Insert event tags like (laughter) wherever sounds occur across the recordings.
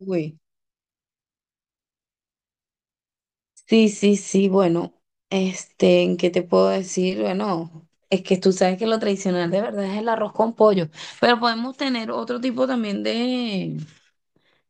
Uy, sí, sí, sí, bueno, ¿en ¿qué te puedo decir? Bueno, es que tú sabes que lo tradicional de verdad es el arroz con pollo, pero podemos tener otro tipo también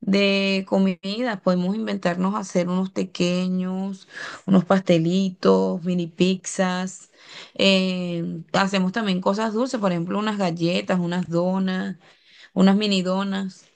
de comida, podemos inventarnos hacer unos pequeños, unos pastelitos, mini pizzas, hacemos también cosas dulces, por ejemplo, unas galletas, unas donas, unas mini donas.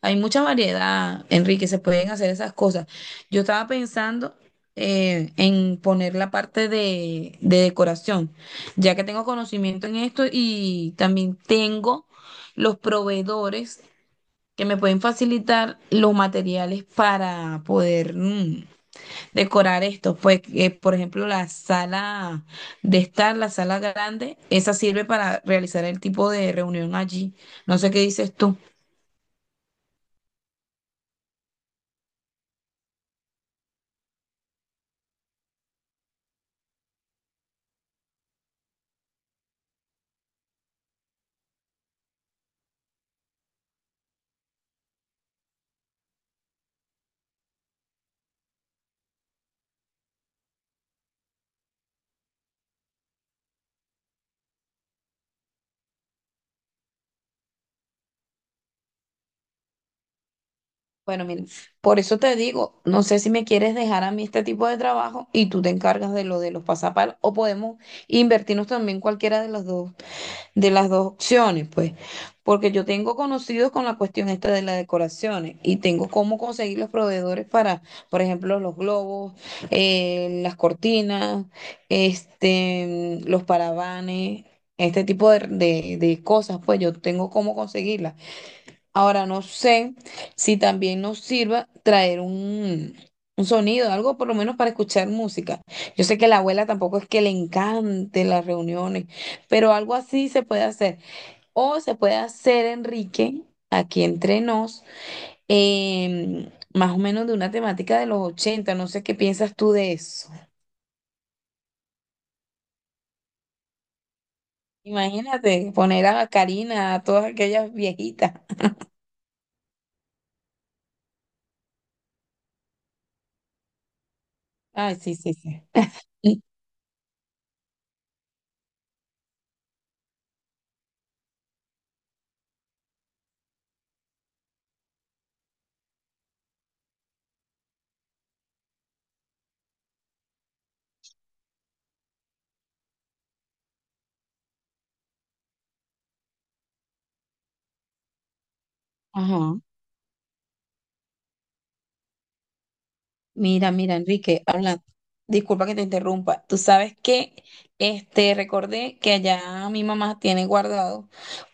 Hay mucha variedad, Enrique, se pueden hacer esas cosas. Yo estaba pensando en poner la parte de decoración, ya que tengo conocimiento en esto y también tengo los proveedores que me pueden facilitar los materiales para poder decorar esto. Pues, por ejemplo, la sala de estar, la sala grande, esa sirve para realizar el tipo de reunión allí. No sé qué dices tú. Bueno, mira, por eso te digo, no sé si me quieres dejar a mí este tipo de trabajo y tú te encargas de lo de los pasapalos, o podemos invertirnos también cualquiera de las dos opciones, pues, porque yo tengo conocidos con la cuestión esta de las decoraciones y tengo cómo conseguir los proveedores para, por ejemplo, los globos, las cortinas, los paravanes. Este tipo de, de cosas, pues yo tengo cómo conseguirlas. Ahora no sé si también nos sirva traer un sonido, algo por lo menos para escuchar música. Yo sé que la abuela tampoco es que le encante las reuniones, pero algo así se puede hacer. O se puede hacer, Enrique, aquí entre nos, más o menos de una temática de los 80. No sé qué piensas tú de eso. Imagínate poner a Karina, a todas aquellas viejitas. (laughs) Ay, sí, sí, sí. (laughs) Ajá. Mira, mira, Enrique, habla, disculpa que te interrumpa. Tú sabes que recordé que allá mi mamá tiene guardados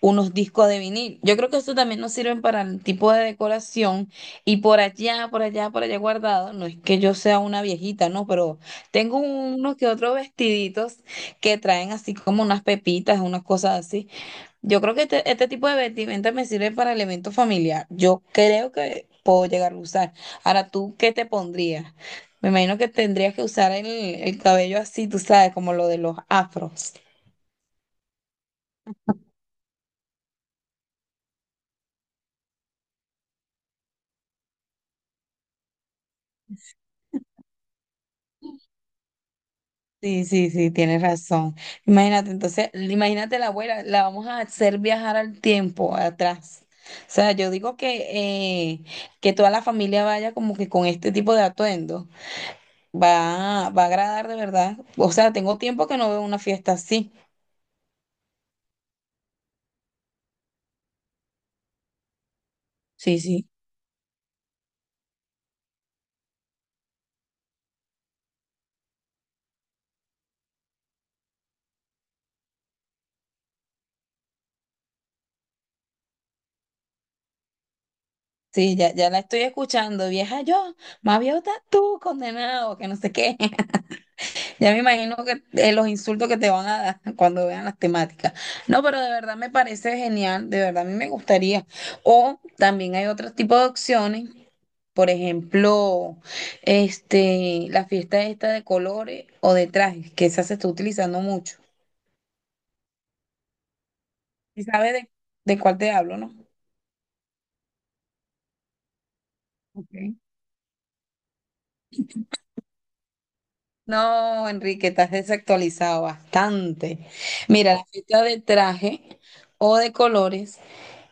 unos discos de vinil. Yo creo que eso también nos sirven para el tipo de decoración y por allá, por allá, por allá guardado. No es que yo sea una viejita, no, pero tengo unos que otros vestiditos que traen así como unas pepitas, unas cosas así. Yo creo que este tipo de vestimenta me sirve para el evento familiar. Yo creo que puedo llegar a usar. Ahora, ¿tú qué te pondrías? Me imagino que tendrías que usar el cabello así, tú sabes, como lo de los afros. Sí, sí, sí, tienes razón. Imagínate, entonces, imagínate la abuela, la vamos a hacer viajar al tiempo, atrás. O sea, yo digo que toda la familia vaya como que con este tipo de atuendo. Va a agradar de verdad. O sea, tengo tiempo que no veo una fiesta así. Sí, sí. Sí, ya, ya la estoy escuchando, vieja yo, más viejo estás tú, condenado, que no sé qué. (laughs) Ya me imagino que los insultos que te van a dar cuando vean las temáticas. No, pero de verdad me parece genial, de verdad a mí me gustaría. O también hay otro tipo de opciones, por ejemplo, la fiesta esta de colores o de trajes, que esa se está utilizando mucho. ¿Y sabes de cuál te hablo, no? Ok. No, Enrique, estás desactualizado bastante. Mira, la fiesta de traje o de colores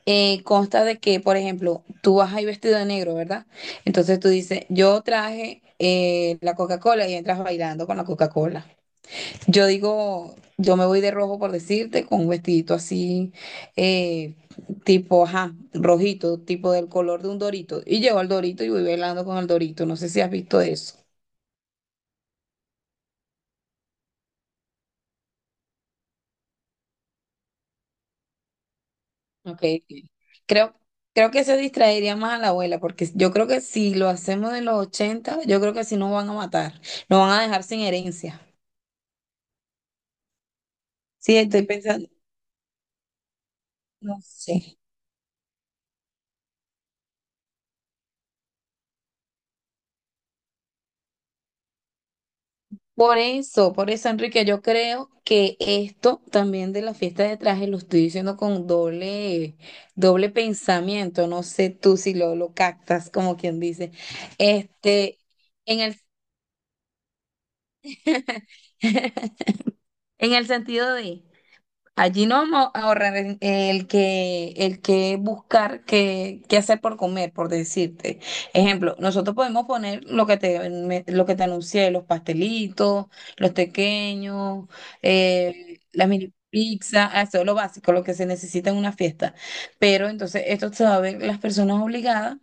consta de que, por ejemplo, tú vas ahí vestido de negro, ¿verdad? Entonces tú dices, yo traje la Coca-Cola y entras bailando con la Coca-Cola. Yo digo, yo me voy de rojo por decirte, con un vestidito así, eh, tipo, ajá, rojito, tipo del color de un dorito. Y llevo el dorito y voy bailando con el dorito. No sé si has visto eso. Ok, ok. Creo, creo que eso distraería más a la abuela, porque yo creo que si lo hacemos en los 80, yo creo que si nos van a matar, nos van a dejar sin herencia. Sí, estoy pensando, no sé. Por eso, Enrique, yo creo que esto también de la fiesta de traje lo estoy diciendo con doble, doble pensamiento. No sé tú si lo, lo captas, como quien dice. Este, en el, (laughs) en el sentido de. Allí no vamos a ahorrar el que buscar qué, qué hacer por comer, por decirte. Ejemplo, nosotros podemos poner lo que te, lo que te anuncié, los pastelitos, los pequeños, las mini pizzas, ah, eso es lo básico, lo que se necesita en una fiesta. Pero entonces esto se va a ver las personas obligadas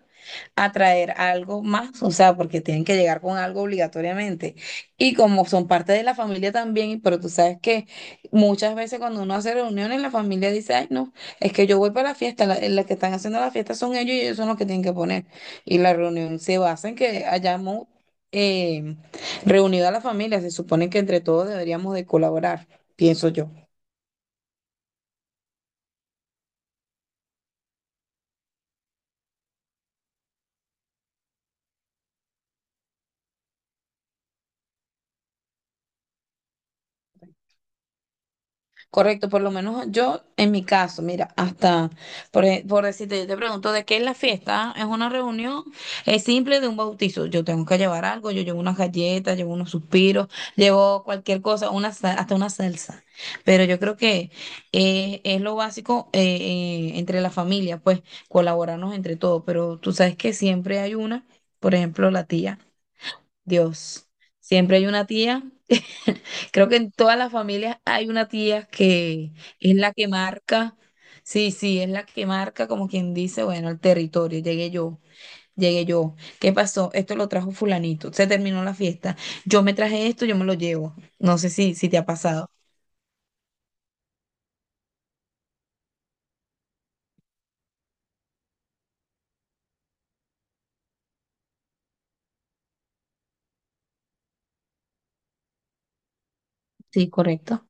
a traer algo más, o sea, porque tienen que llegar con algo obligatoriamente. Y como son parte de la familia también, pero tú sabes que muchas veces cuando uno hace reuniones, la familia dice, ay, no, es que yo voy para la fiesta, la que están haciendo la fiesta son ellos y ellos son los que tienen que poner. Y la reunión se basa en que hayamos eh, reunido a la familia, se supone que entre todos deberíamos de colaborar, pienso yo. Correcto, por lo menos yo, en mi caso, mira, hasta por, por decirte, yo te pregunto de qué es la fiesta, es una reunión, es simple de un bautizo. Yo tengo que llevar algo, yo llevo unas galletas, llevo unos suspiros, llevo cualquier cosa, una, hasta una salsa. Pero yo creo que es lo básico entre la familia, pues colaborarnos entre todos. Pero tú sabes que siempre hay una, por ejemplo, la tía, Dios, siempre hay una tía. Creo que en todas las familias hay una tía que es la que marca, sí, sí, es la que marca como quien dice, bueno, el territorio, llegué yo, ¿qué pasó? Esto lo trajo fulanito, se terminó la fiesta, yo me traje esto, yo me lo llevo. No sé si, si te ha pasado. Sí, correcto.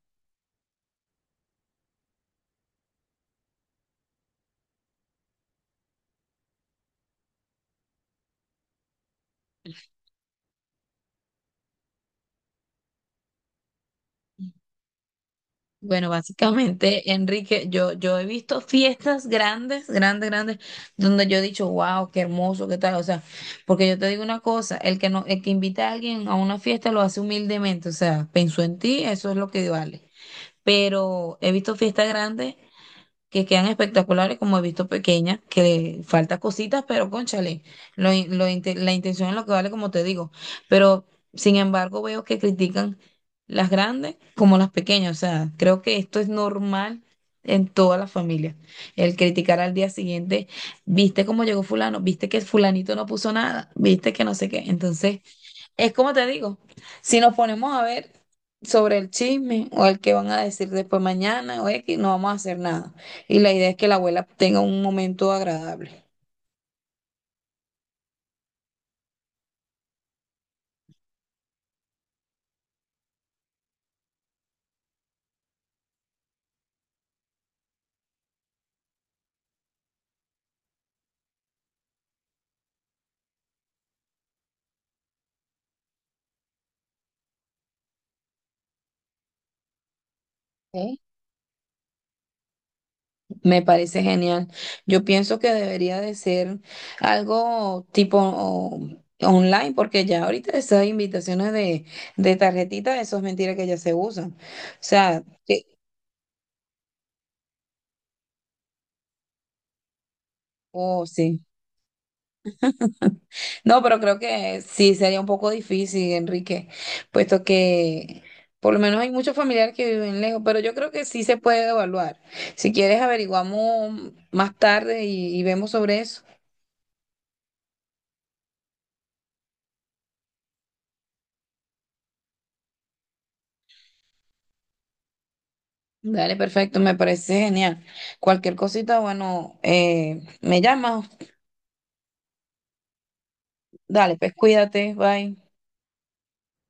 Bueno, básicamente, Enrique, yo he visto fiestas grandes, grandes, grandes, donde yo he dicho, wow, qué hermoso, qué tal. O sea, porque yo te digo una cosa, el que no, el que invita a alguien a una fiesta lo hace humildemente, o sea, pensó en ti, eso es lo que vale. Pero he visto fiestas grandes que quedan espectaculares, como he visto pequeñas, que falta cositas, pero cónchale, la intención es lo que vale, como te digo. Pero sin embargo, veo que critican las grandes como las pequeñas. O sea, creo que esto es normal en todas las familias. El criticar al día siguiente, viste cómo llegó fulano, viste que fulanito no puso nada, viste que no sé qué. Entonces. Es como te digo, si nos ponemos a ver sobre el chisme o el que van a decir después mañana o X, no vamos a hacer nada. Y la idea es que la abuela tenga un momento agradable. ¿Ok? Me parece genial. Yo pienso que debería de ser algo tipo online, porque ya ahorita esas invitaciones de tarjetita, eso es mentira que ya se usan. O sea, que, oh, sí. No, pero creo que sí sería un poco difícil, Enrique, puesto que por lo menos hay muchos familiares que viven lejos, pero yo creo que sí se puede evaluar. Si quieres, averiguamos más tarde y vemos sobre eso. Dale, perfecto, me parece genial. Cualquier cosita, bueno, me llamas. Dale, pues cuídate, bye.